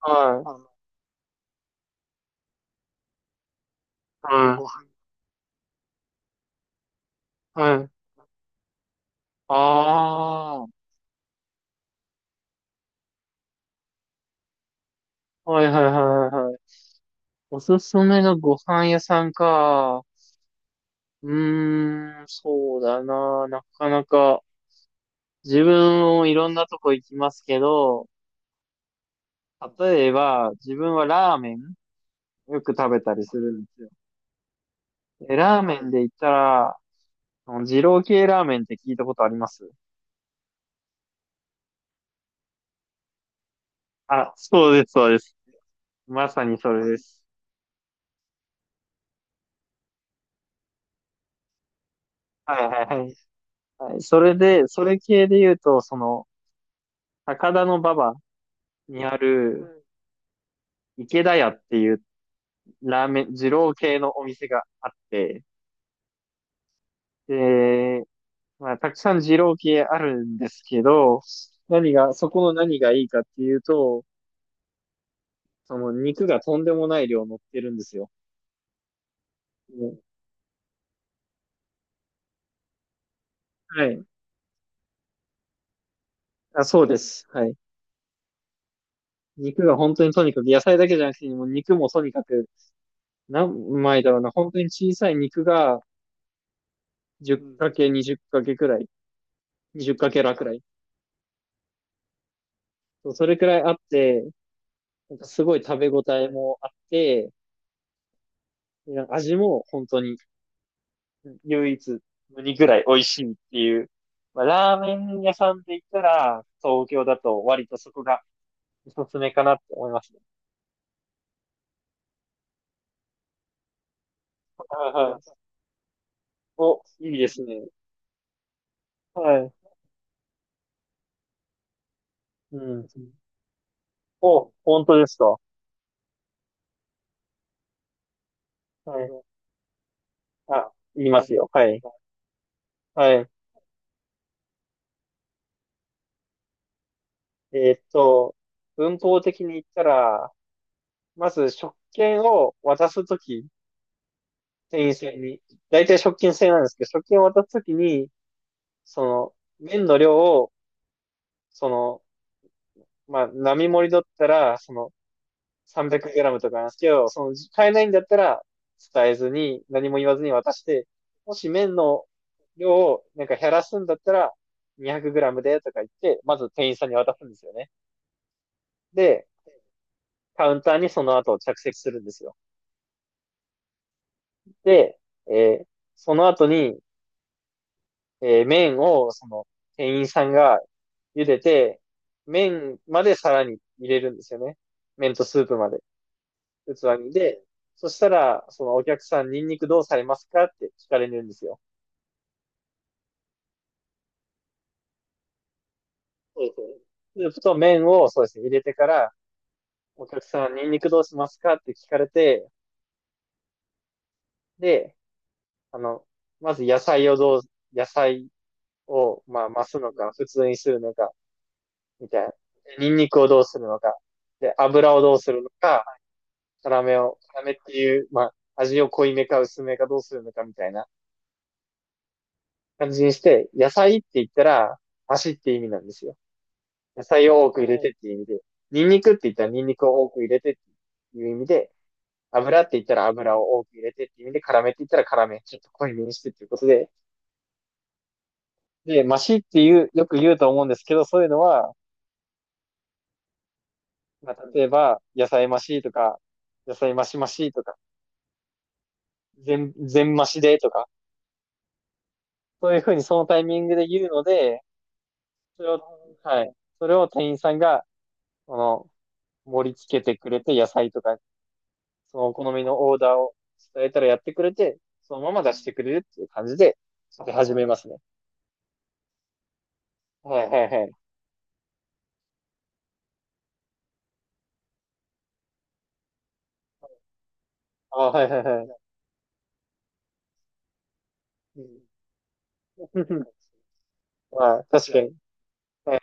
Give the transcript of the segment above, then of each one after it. はい、はご飯。はい、はい。ああ、はい、はい、はい、はいはい。おすすめのご飯屋さんか。うーん、そうだな。なかなか、自分もいろんなとこ行きますけど、例えば、自分はラーメンよく食べたりするんですよ。でラーメンで言ったら、あの二郎系ラーメンって聞いたことあります？あ、そうです、そうです。まさにそれです。はい、はい、はい。はい、それで、それ系で言うと、その、高田馬場にある、池田屋っていうラーメン、二郎系のお店があって、で、まあ、たくさん二郎系あるんですけど、何が、そこの何がいいかっていうと、その肉がとんでもない量乗ってるんですよ。もうはい。あ、そうです。はい。肉が本当にとにかく、野菜だけじゃなくて、もう肉もとにかく、何枚だろうな、本当に小さい肉がじゅうん。1 0 × 2 0けくらい、2 0けらくらい。そうそれくらいあって、なんかすごい食べ応えもあって、なんか味も本当に唯一無二ぐらい美味しいっていう。まあ、ラーメン屋さんで言ったら、東京だと割とそこがおすすめかなって思いますね。はいはい。お、いいですね。はい。うん。お、本当ですか？はい。あ、言いますよ。はい。はい。えーっと、文法的に言ったら、まず食券を渡すとき、店員さんに、大体食券制なんですけど、食券を渡すときに、その、麺の量を、その、まあ、並盛りだったら、その、300g とかなんですけど、その、買えないんだったら、伝えずに、何も言わずに渡して、もし麺の量を、なんか減らすんだったら、200g で、とか言って、まず店員さんに渡すんですよね。で、カウンターにその後着席するんですよ。で、えーその後に、麺を、その、店員さんが茹でて、麺まで皿に入れるんですよね。麺とスープまで、器に。で、そしたら、そのお客さん、ニンニクどうされますかって聞かれるんですよ。そうですね。スープと麺を、そうですね、入れてから、お客さん、ニンニクどうしますかって聞かれて、で、あの、まず野菜を、まあ、増すのか、普通にするのか、みたいな。ニンニクをどうするのか、で、油をどうするのか、辛めっていう、まあ、味を濃いめか薄めかどうするのかみたいな感じにして、野菜って言ったら、足って意味なんですよ。野菜を多く入れてっていう意味で、ニンニクって言ったらニンニクを多く入れてっていう意味で、油って言ったら油を多く入れてっていう意味で、辛めって言ったら辛め、ちょっと濃いめにしてっていうことで、で、マシっていう、よく言うと思うんですけど、そういうのは、まあ、例えば、野菜マシとか、野菜マシマシとか、全マシでとか、そういうふうにそのタイミングで言うので、それを、はい。それを店員さんが、その、盛り付けてくれて、野菜とか、そのお好みのオーダーを伝えたらやってくれて、そのまま出してくれるっていう感じで、食べ始めますね。はいはいはい。あ、はいはいはい。うん まあ、確かに。はい。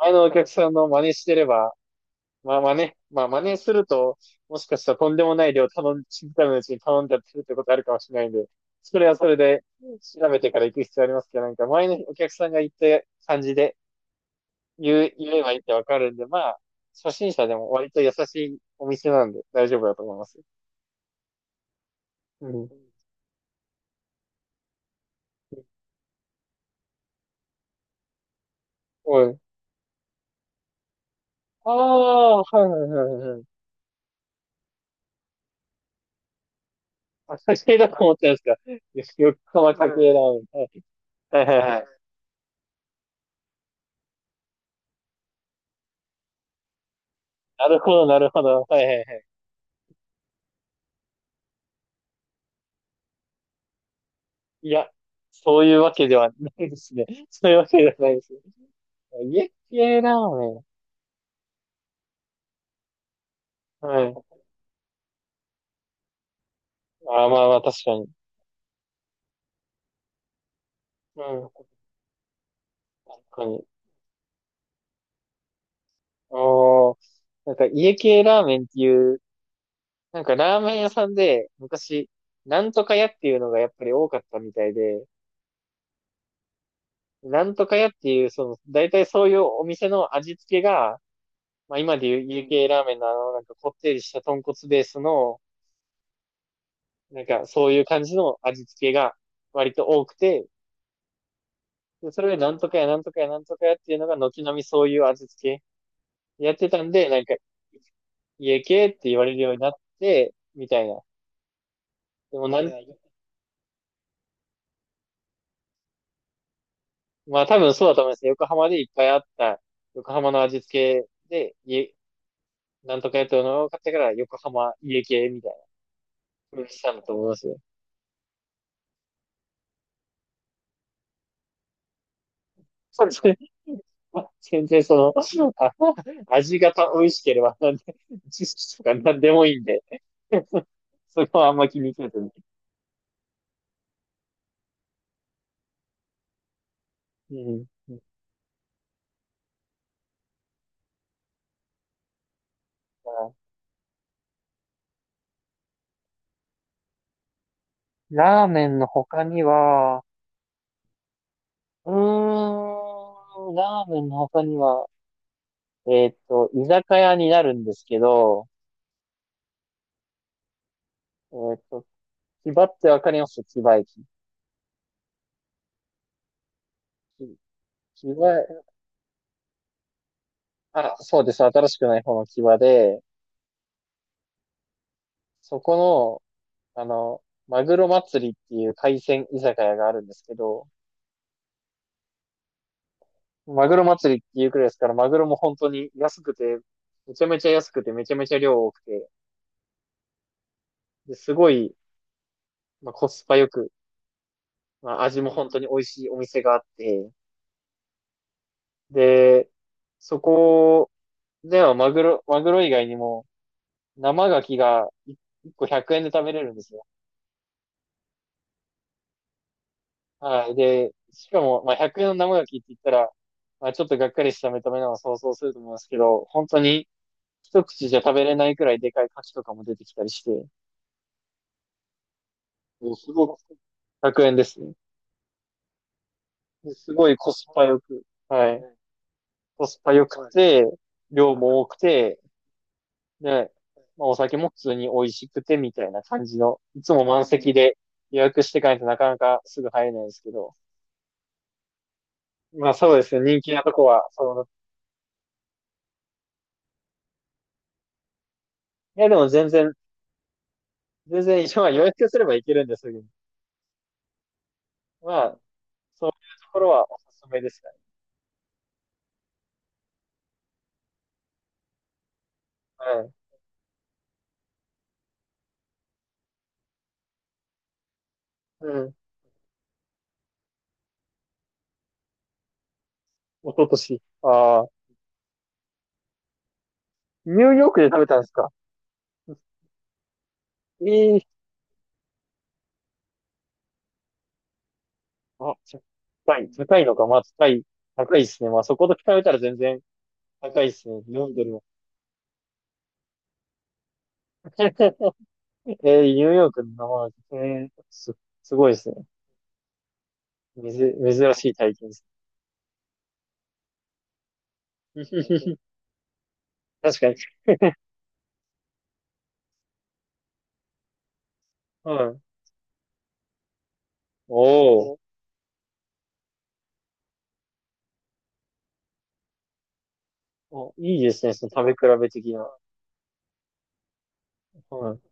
前のお客さんの真似してれば、まあ真似すると、もしかしたらとんでもない量知るためのうちに頼んじゃってるってことあるかもしれないんで、それはそれで調べてから行く必要ありますけど、なんか前のお客さんが言った感じで、言えばいいってわかるんで、まあ、初心者でも割と優しいお店なんで大丈夫だと思います。うん。おい。ああ、はいはいはいはい。あ、家系だと思ってるんですか？よくこの家系ラーメン。はいはいはいはい。なるほど、なるほど。はいはいはい。いや、そういうわけではないですね。そういうわけではないですね。家系ラーメン。はい。あー、まあまあ、確かに。うん。確かに。おー、なんか家系ラーメンっていうなんかラーメン屋さんで昔、なんとか屋っていうのがやっぱり多かったみたいで、なんとか屋っていう、その、大体そういうお店の味付けが、まあ今で言う有形ラーメンのあの、なんかこってりした豚骨ベースの、なんかそういう感じの味付けが割と多くて、でそれでなんとか屋、なんとか屋、なんとか屋っていうのが軒並みそういう味付けやってたんで、なんか家系って言われるようになって、みたいな。でもなん、まあ多分そうだと思います。横浜でいっぱいあった、横浜の味付けで、なんとかやったのを買ってから、横浜家系みたいな、うんしたんだと思いますよ。そうですね。まあ全然その、あ味がた美味しければ、なんで、知識とかなんでもいいんで、そこはあんま気にせずに。うん。ラーメンの他には、うーん、ラーメンの他には、居酒屋になるんですけど、えーっと、牙ってわかります？牙駅。き牙、あ、そうです。新しくない方の牙で、そこの、あの、マグロ祭りっていう海鮮居酒屋があるんですけど、マグロ祭りっていうくらいですから、マグロも本当に安くて、めちゃめちゃ安くて、めちゃめちゃ量多くて、ですごい、まあ、コスパよく、まあ、味も本当に美味しいお店があって、で、そこではマグロ、マグロ以外にも生牡蠣が1個100円で食べれるんですよ。はい。で、しかも、まあ、100円の生ガキって言ったら、まあ、ちょっとがっかりした目た目なのを想像すると思いますけど、本当に一口じゃ食べれないくらいでかい牡蠣とかも出てきたりして、もうすごく100円ですね。ですごいコスパよく、はい。コスパよくて、量も多くて、で、まあ、お酒も普通に美味しくてみたいな感じの、いつも満席で予約していかないとなかなかすぐ入れないですけど、まあそうですね、人気なとこは、その、いやでも全然、一応まあ予約すればいけるんですぐに。まあ、そういうところはおすすめですね。はい。うん。おととし。ああ、ニューヨークで食べたんですか？ええあ、じゃ高い。高いのか。まあ、高い。高いですね。まあ、そこと比べたら全然高いですね。4ドルは。えー、ニューヨークの生なんですねえーす、すごいですね。めず、珍しい体験ですね。確かに。はい。おーお。いいですね。その食べ比べ的な。はい。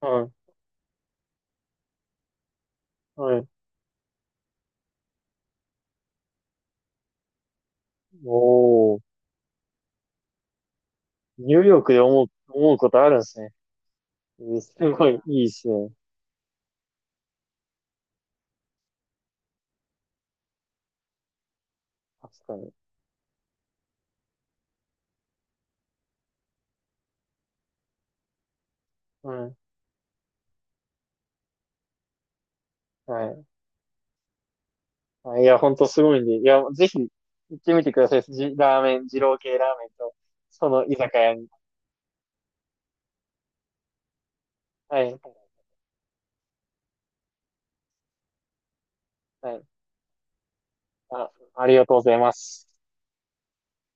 はい。はい。おお。ニューヨークで思うことあるんですね。うんすごいいいですね。確かに。うん。はい。あいや、ほんとすごいんで。いや、ぜひ行ってみてください。ラーメン、二郎系ラーメンと、その居酒屋に。はい。はい。あ、ありがとうございます。